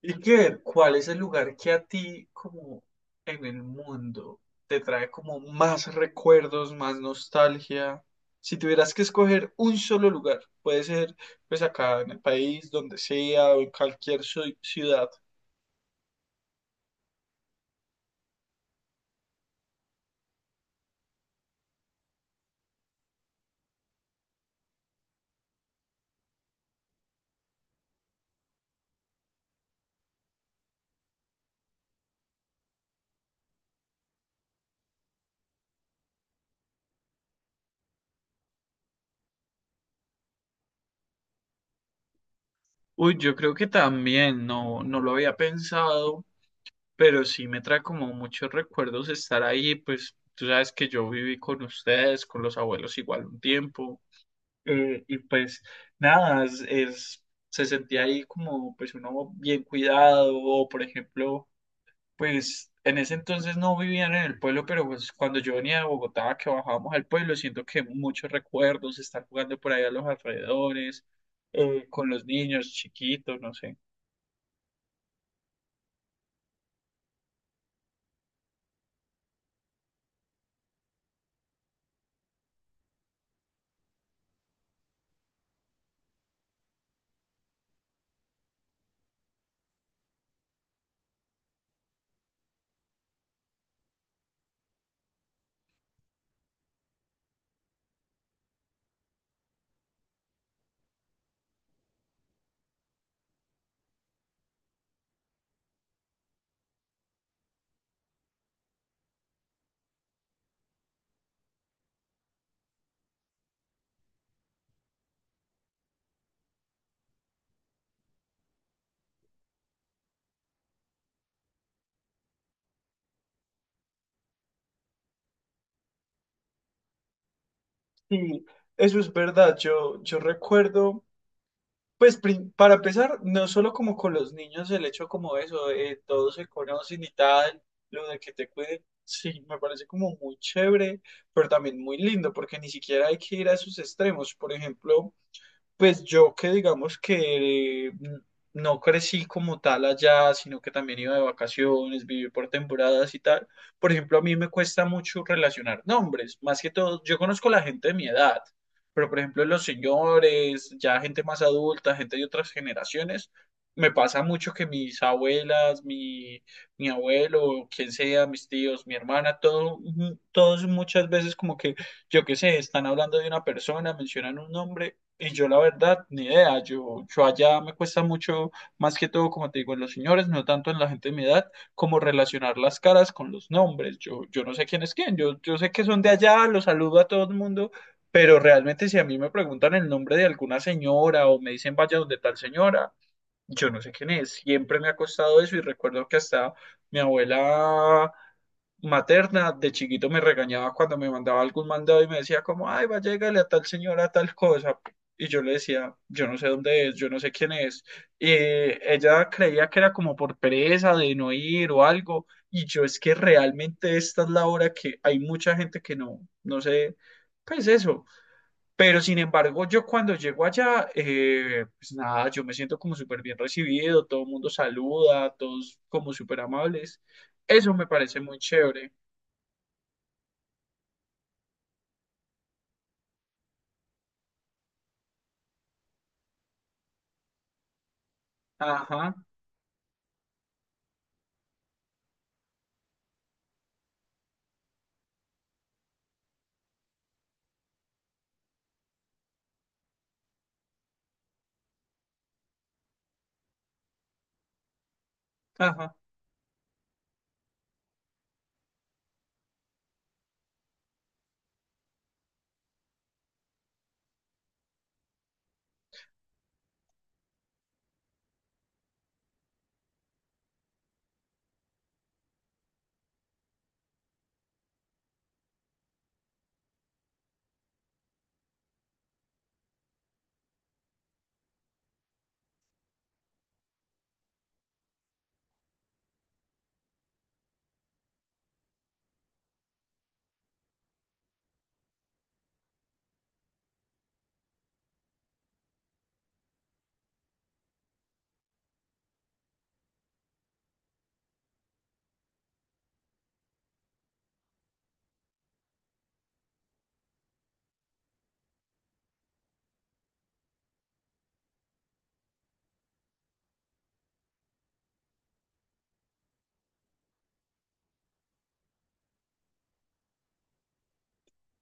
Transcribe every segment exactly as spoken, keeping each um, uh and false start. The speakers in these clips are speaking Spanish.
Y que ver cuál es el lugar que a ti, como en el mundo, te trae como más recuerdos, más nostalgia. Si tuvieras que escoger un solo lugar, puede ser pues acá en el país, donde sea, o en cualquier ci- ciudad. Uy, yo creo que también, no, no lo había pensado, pero sí me trae como muchos recuerdos estar ahí, pues tú sabes que yo viví con ustedes, con los abuelos igual un tiempo. Eh, y pues nada, es, es- se sentía ahí como pues uno bien cuidado, o por ejemplo, pues en ese entonces no vivían en el pueblo, pero pues cuando yo venía de Bogotá, que bajábamos al pueblo, siento que muchos recuerdos, estar jugando por ahí a los alrededores, eh, con los niños chiquitos, no sé. Sí, eso es verdad, yo, yo recuerdo. Pues prim- para empezar, no solo como con los niños el hecho como eso, eh, todos se conocen y tal, lo de que te cuiden, sí, me parece como muy chévere, pero también muy lindo, porque ni siquiera hay que ir a esos extremos. Por ejemplo, pues yo que digamos que eh, no crecí como tal allá, sino que también iba de vacaciones, viví por temporadas y tal. Por ejemplo, a mí me cuesta mucho relacionar nombres, más que todo, yo conozco la gente de mi edad, pero por ejemplo los señores, ya gente más adulta, gente de otras generaciones, me pasa mucho que mis abuelas, mi, mi abuelo, quien sea, mis tíos, mi hermana, todo, todos muchas veces como que, yo qué sé, están hablando de una persona, mencionan un nombre. Y yo la verdad, ni idea, yo, yo allá me cuesta mucho, más que todo, como te digo, en los señores, no tanto en la gente de mi edad, como relacionar las caras con los nombres. Yo, yo no sé quién es quién, yo, yo sé que son de allá, los saludo a todo el mundo, pero realmente si a mí me preguntan el nombre de alguna señora o me dicen vaya donde tal señora, yo no sé quién es. Siempre me ha costado eso y recuerdo que hasta mi abuela materna de chiquito me regañaba cuando me mandaba algún mandado y me decía como, ay, va, llégale a tal señora, a tal cosa. Y yo le decía, yo no sé dónde es, yo no sé quién es. Y ella creía que era como por pereza de no ir o algo. Y yo es que realmente esta es la hora que hay mucha gente que no, no sé, pues eso. Pero sin embargo, yo cuando llego allá, eh, pues nada, yo me siento como súper bien recibido, todo el mundo saluda, todos como súper amables. Eso me parece muy chévere. Ajá, ajá.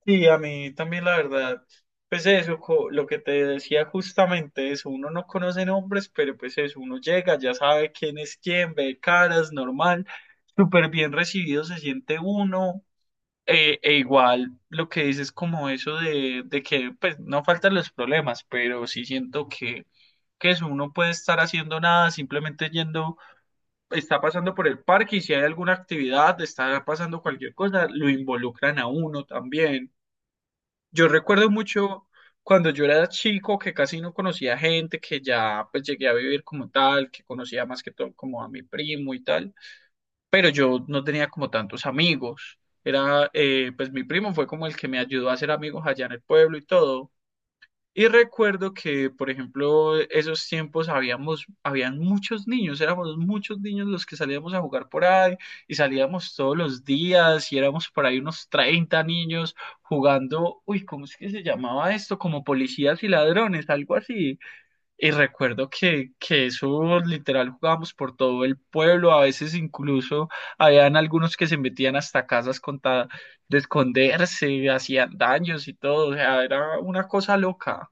Sí, a mí también la verdad, pues eso, co- lo que te decía justamente es, uno no conoce nombres, pero pues eso, uno llega, ya sabe quién es quién, ve caras, normal, súper bien recibido se siente uno, eh, e igual lo que dices como eso de, de que pues no faltan los problemas, pero sí siento que, que eso, uno puede estar haciendo nada, simplemente yendo está pasando por el parque y si hay alguna actividad, está pasando cualquier cosa, lo involucran a uno también. Yo recuerdo mucho cuando yo era chico que casi no conocía gente, que ya pues llegué a vivir como tal, que conocía más que todo como a mi primo y tal, pero yo no tenía como tantos amigos. Era, eh, pues mi primo fue como el que me ayudó a hacer amigos allá en el pueblo y todo. Y recuerdo que, por ejemplo, esos tiempos habíamos, habían muchos niños, éramos muchos niños los que salíamos a jugar por ahí y salíamos todos los días y éramos por ahí unos treinta niños jugando, uy, ¿cómo es que se llamaba esto? Como policías y ladrones, algo así. Y recuerdo que, que eso literal jugábamos por todo el pueblo, a veces incluso habían algunos que se metían hasta casas con tal de esconderse, hacían daños y todo, o sea, era una cosa loca.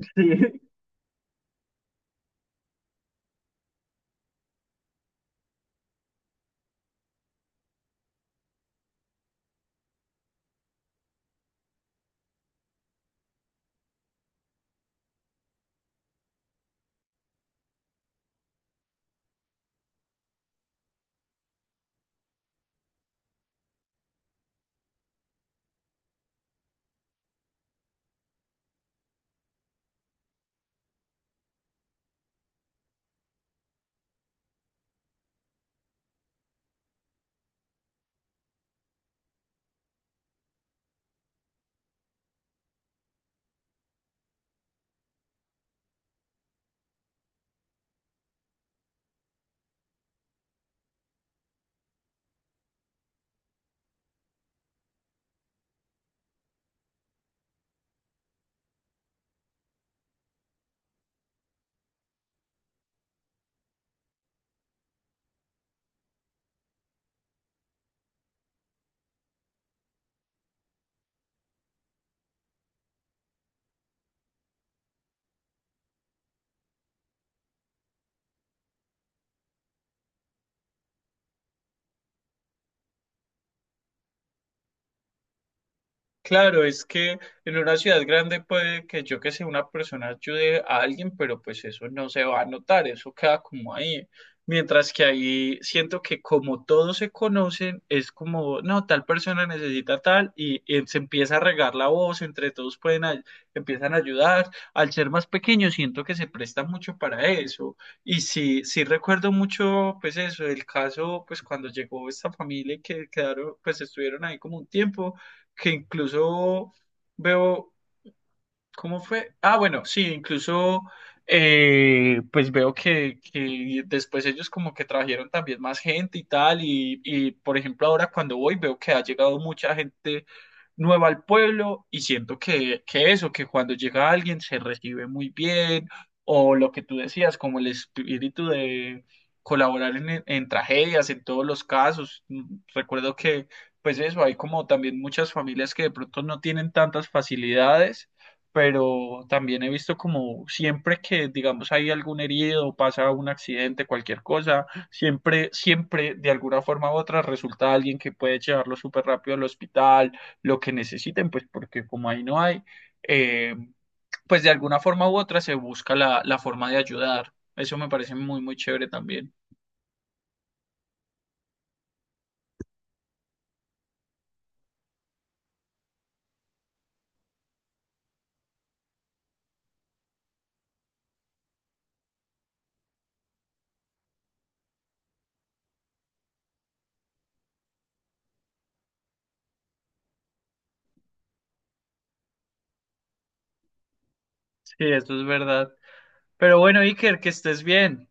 Sí, claro, es que en una ciudad grande puede que yo que sé, una persona ayude a alguien, pero pues eso no se va a notar, eso queda como ahí. Mientras que ahí siento que como todos se conocen, es como, no, tal persona necesita tal y, y se empieza a regar la voz, entre todos pueden, ay- empiezan a ayudar. Al ser más pequeño, siento que se presta mucho para eso. Y sí, sí recuerdo mucho, pues eso, el caso, pues cuando llegó esta familia y que quedaron, pues estuvieron ahí como un tiempo. Que incluso veo, ¿cómo fue? Ah, bueno, sí, incluso eh, pues veo que, que después ellos como que trajeron también más gente y tal, y, y por ejemplo ahora cuando voy veo que ha llegado mucha gente nueva al pueblo y siento que, que eso, que cuando llega alguien se recibe muy bien, o lo que tú decías, como el espíritu de colaborar en, en tragedias, en todos los casos. Mm, recuerdo que pues eso, hay como también muchas familias que de pronto no tienen tantas facilidades pero también he visto como siempre que, digamos, hay algún herido, pasa un accidente, cualquier cosa, siempre, siempre, de alguna forma u otra, resulta alguien que puede llevarlo súper rápido al hospital, lo que necesiten, pues porque como ahí no hay, eh, pues de alguna forma u otra se busca la, la forma de ayudar. Eso me parece muy, muy chévere también. Sí, eso es verdad. Pero bueno, Iker, que estés bien.